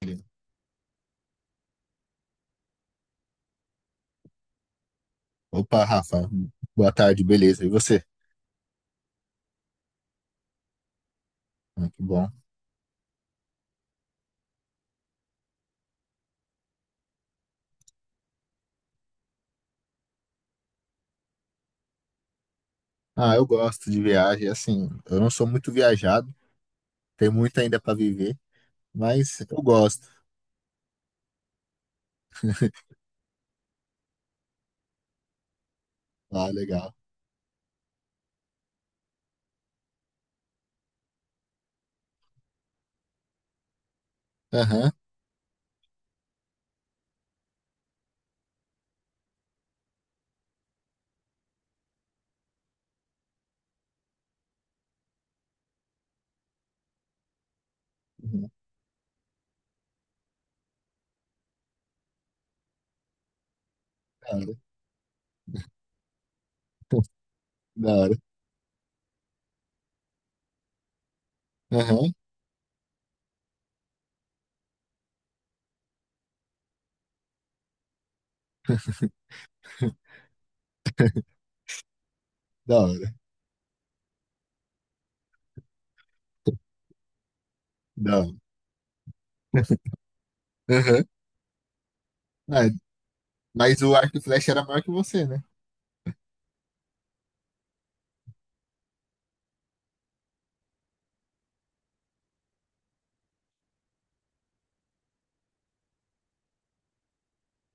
Beleza. Opa, Rafa, boa tarde, beleza. E você? Ah, que bom. Ah, eu gosto de viagem, assim, eu não sou muito viajado, tem muito ainda para viver, mas eu gosto. Ah, legal. Aham. Uhum. Da hora. Da hora. Aham. Da hora. Da hora. Aham. Ah, mas o arco e flecha era maior que você, né?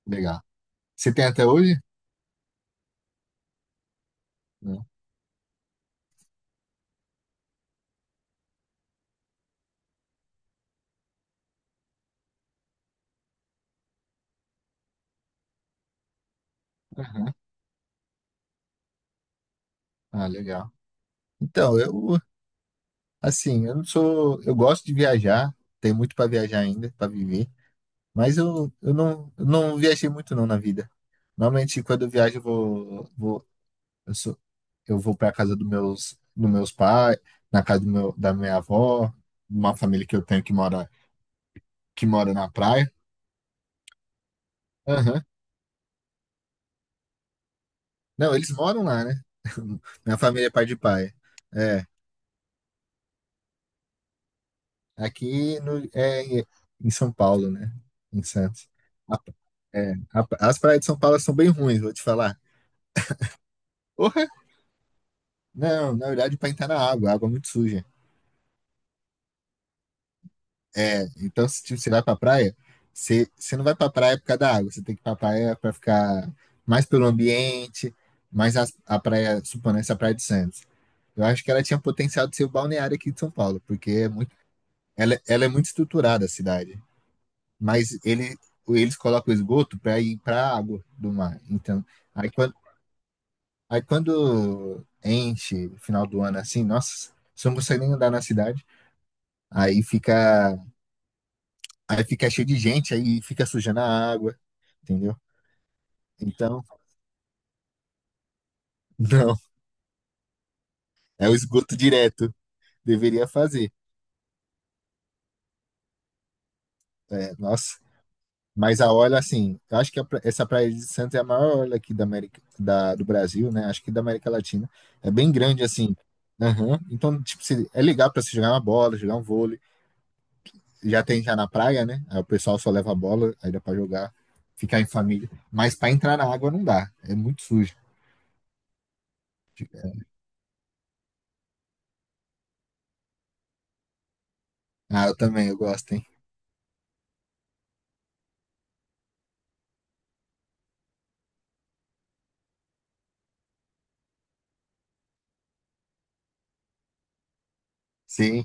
Legal. Você tem até hoje? Não. Aham. Ah, legal. Então, eu, assim, eu não sou. Eu gosto de viajar, tem muito para viajar ainda, para viver. Mas eu não viajei muito não na vida. Normalmente quando eu viajo eu vou, vou eu sou, eu vou para casa dos meus pais, na casa do meu, da minha avó, uma família que eu tenho que mora na praia. Aham. Não, eles moram lá, né? Minha família é pai de pai. É, aqui no, é em São Paulo, né? Em Santos. A- as praias de São Paulo são bem ruins, vou te falar. Porra! Não, na verdade, para entrar na água, a água é muito suja. É, então se tipo, você vai pra praia, você não vai pra praia por causa da água, você tem que ir pra praia pra ficar mais pelo ambiente, mais a praia, supondo essa praia de Santos. Eu acho que ela tinha potencial de ser o balneário aqui de São Paulo, porque é muito, ela é muito estruturada a cidade. Mas eles colocam o esgoto para ir para a água do mar. Então, aí quando, aí quando enche final do ano assim, nossa, você não consegue nem andar na cidade. Aí fica Aí fica cheio de gente, aí fica sujando a água, entendeu? Então, não, é o esgoto direto. Deveria fazer. É, nossa. Mas a orla, assim, eu acho que essa praia de Santos é a maior orla aqui da América, do Brasil, né? Acho que da América Latina. É bem grande, assim. Aham. Então, tipo, é legal pra se jogar uma bola, jogar um vôlei. Já tem já na praia, né? Aí o pessoal só leva a bola, aí dá pra jogar, ficar em família. Mas pra entrar na água não dá, é muito sujo. Ah, eu também, eu gosto, hein? Sim.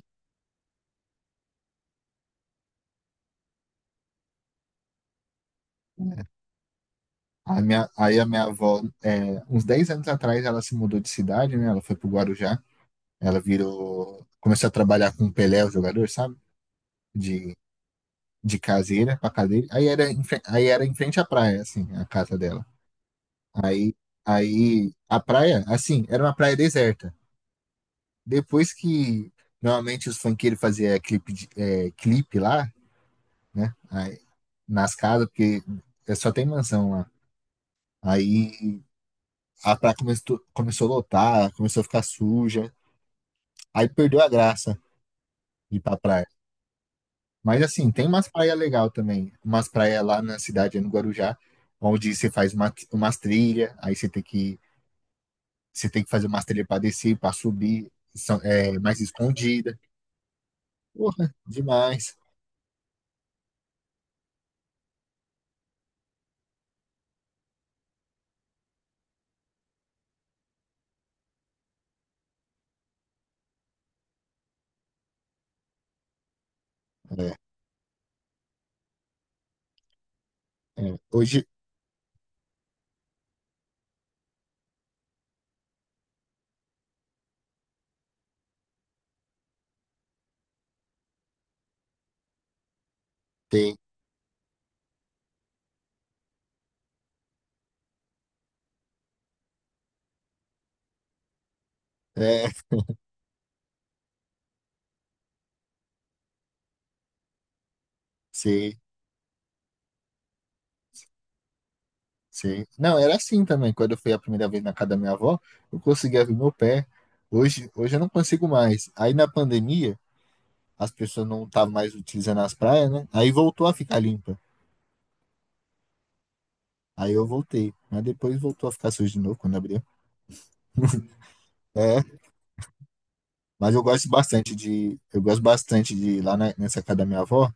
A minha avó, é, uns 10 anos atrás, ela se mudou de cidade, né? Ela foi pro Guarujá. Ela virou. Começou a trabalhar com o Pelé, o jogador, sabe? De, de caseira pra cadeira. Aí era, em frente à praia, assim, a casa dela. Aí, aí a praia, assim, era uma praia deserta. Depois que normalmente os funkeiros faziam clipe, clipe lá, né? Aí, nas casas, porque é só tem mansão lá. Aí a praia começou a lotar, começou a ficar suja. Aí perdeu a graça de ir pra praia. Mas assim, tem umas praias legal também. Umas praias lá na cidade, no Guarujá, onde você faz umas trilhas, aí você tem que fazer umas trilhas pra descer, pra subir, são, mais escondida. Porra, demais. É, é. Hoje tem. É, sei, sei. Não, era assim também. Quando eu fui a primeira vez na casa da minha avó, eu conseguia ver meu pé. Hoje eu não consigo mais. Aí na pandemia, as pessoas não estavam mais utilizando as praias, né? Aí voltou a ficar limpa. Aí eu voltei, mas depois voltou a ficar sujo de novo quando abriu. É, mas eu gosto bastante de ir lá nessa casa da minha avó,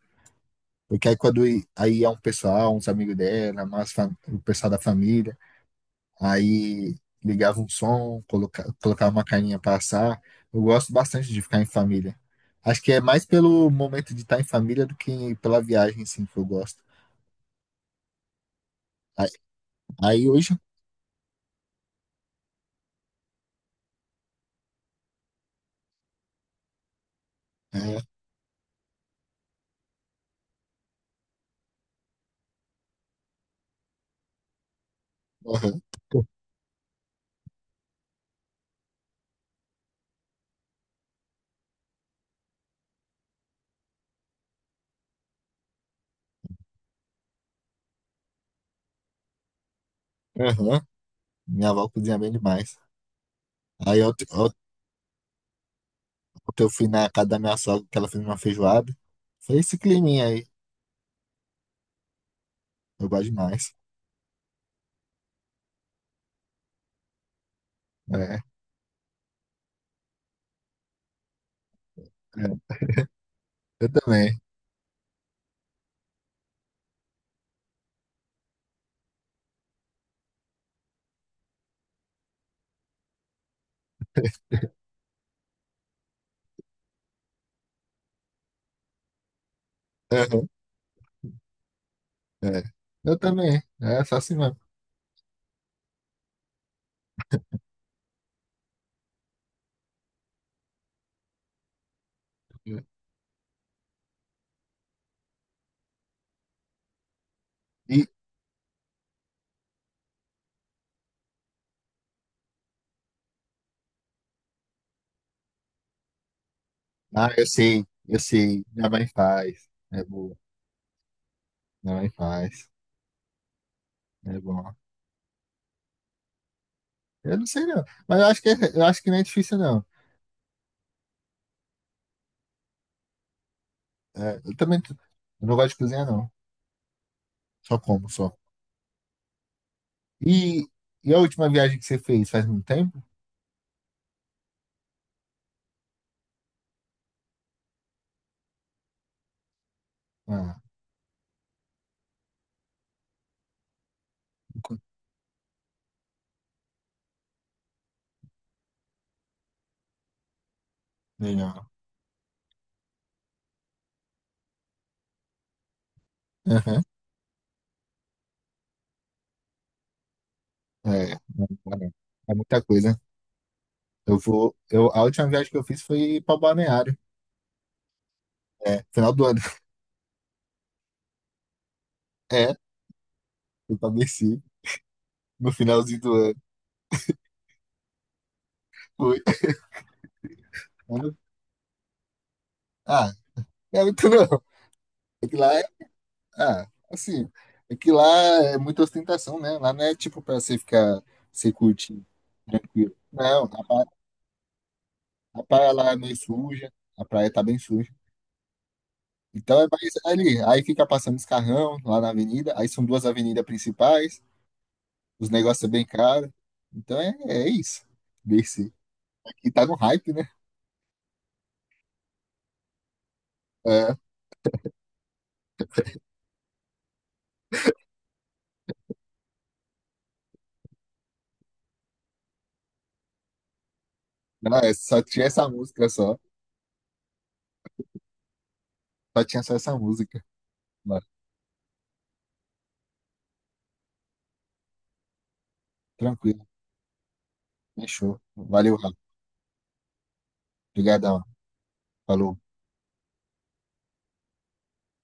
porque aí quando aí é um pessoal, uns amigos dela, mais o pessoal da família, aí ligava um som, colocava uma carninha pra assar. Eu gosto bastante de ficar em família. Acho que é mais pelo momento de estar em família do que pela viagem, sim, que eu gosto. Aí, aí hoje, é, aham. Aham. Minha avó cozinha bem demais. Aí ontem eu fui na casa da minha sogra, que ela fez uma feijoada. Foi esse climinha aí. Eu gosto demais. É, é. Eu também. Aham, é. Eu também. É só assim mesmo. E, ah, eu sei, eu sei. Minha mãe faz. É boa. Minha mãe faz. É bom. Eu não sei não. Mas eu acho que não é difícil não. É, eu também eu não gosto de cozinhar não. Só como, só. E, e a última viagem que você fez faz muito tempo? Ah. Legal. Aham. É, é muita coisa. Eu vou. Eu, a última viagem que eu fiz foi para Balneário. É, final do ano. É, fui pra Mercy no finalzinho do ano. Foi. Ah, não é muito não. É que lá é. Ah, assim. É que lá é muita ostentação, né? Lá não é tipo pra você ficar, você curtir tranquilo. Não, a, a praia lá é meio suja, a praia tá bem suja. Então é mais ali. Aí fica passando os carrão lá na avenida. Aí são duas avenidas principais. Os negócios é bem caro. Então é, é isso. Desse. Aqui tá no hype, né? É, não, é, só tinha essa música só. Só tinha só essa música. Mas, tranquilo. Fechou. Valeu, Rafa. Obrigadão. Falou.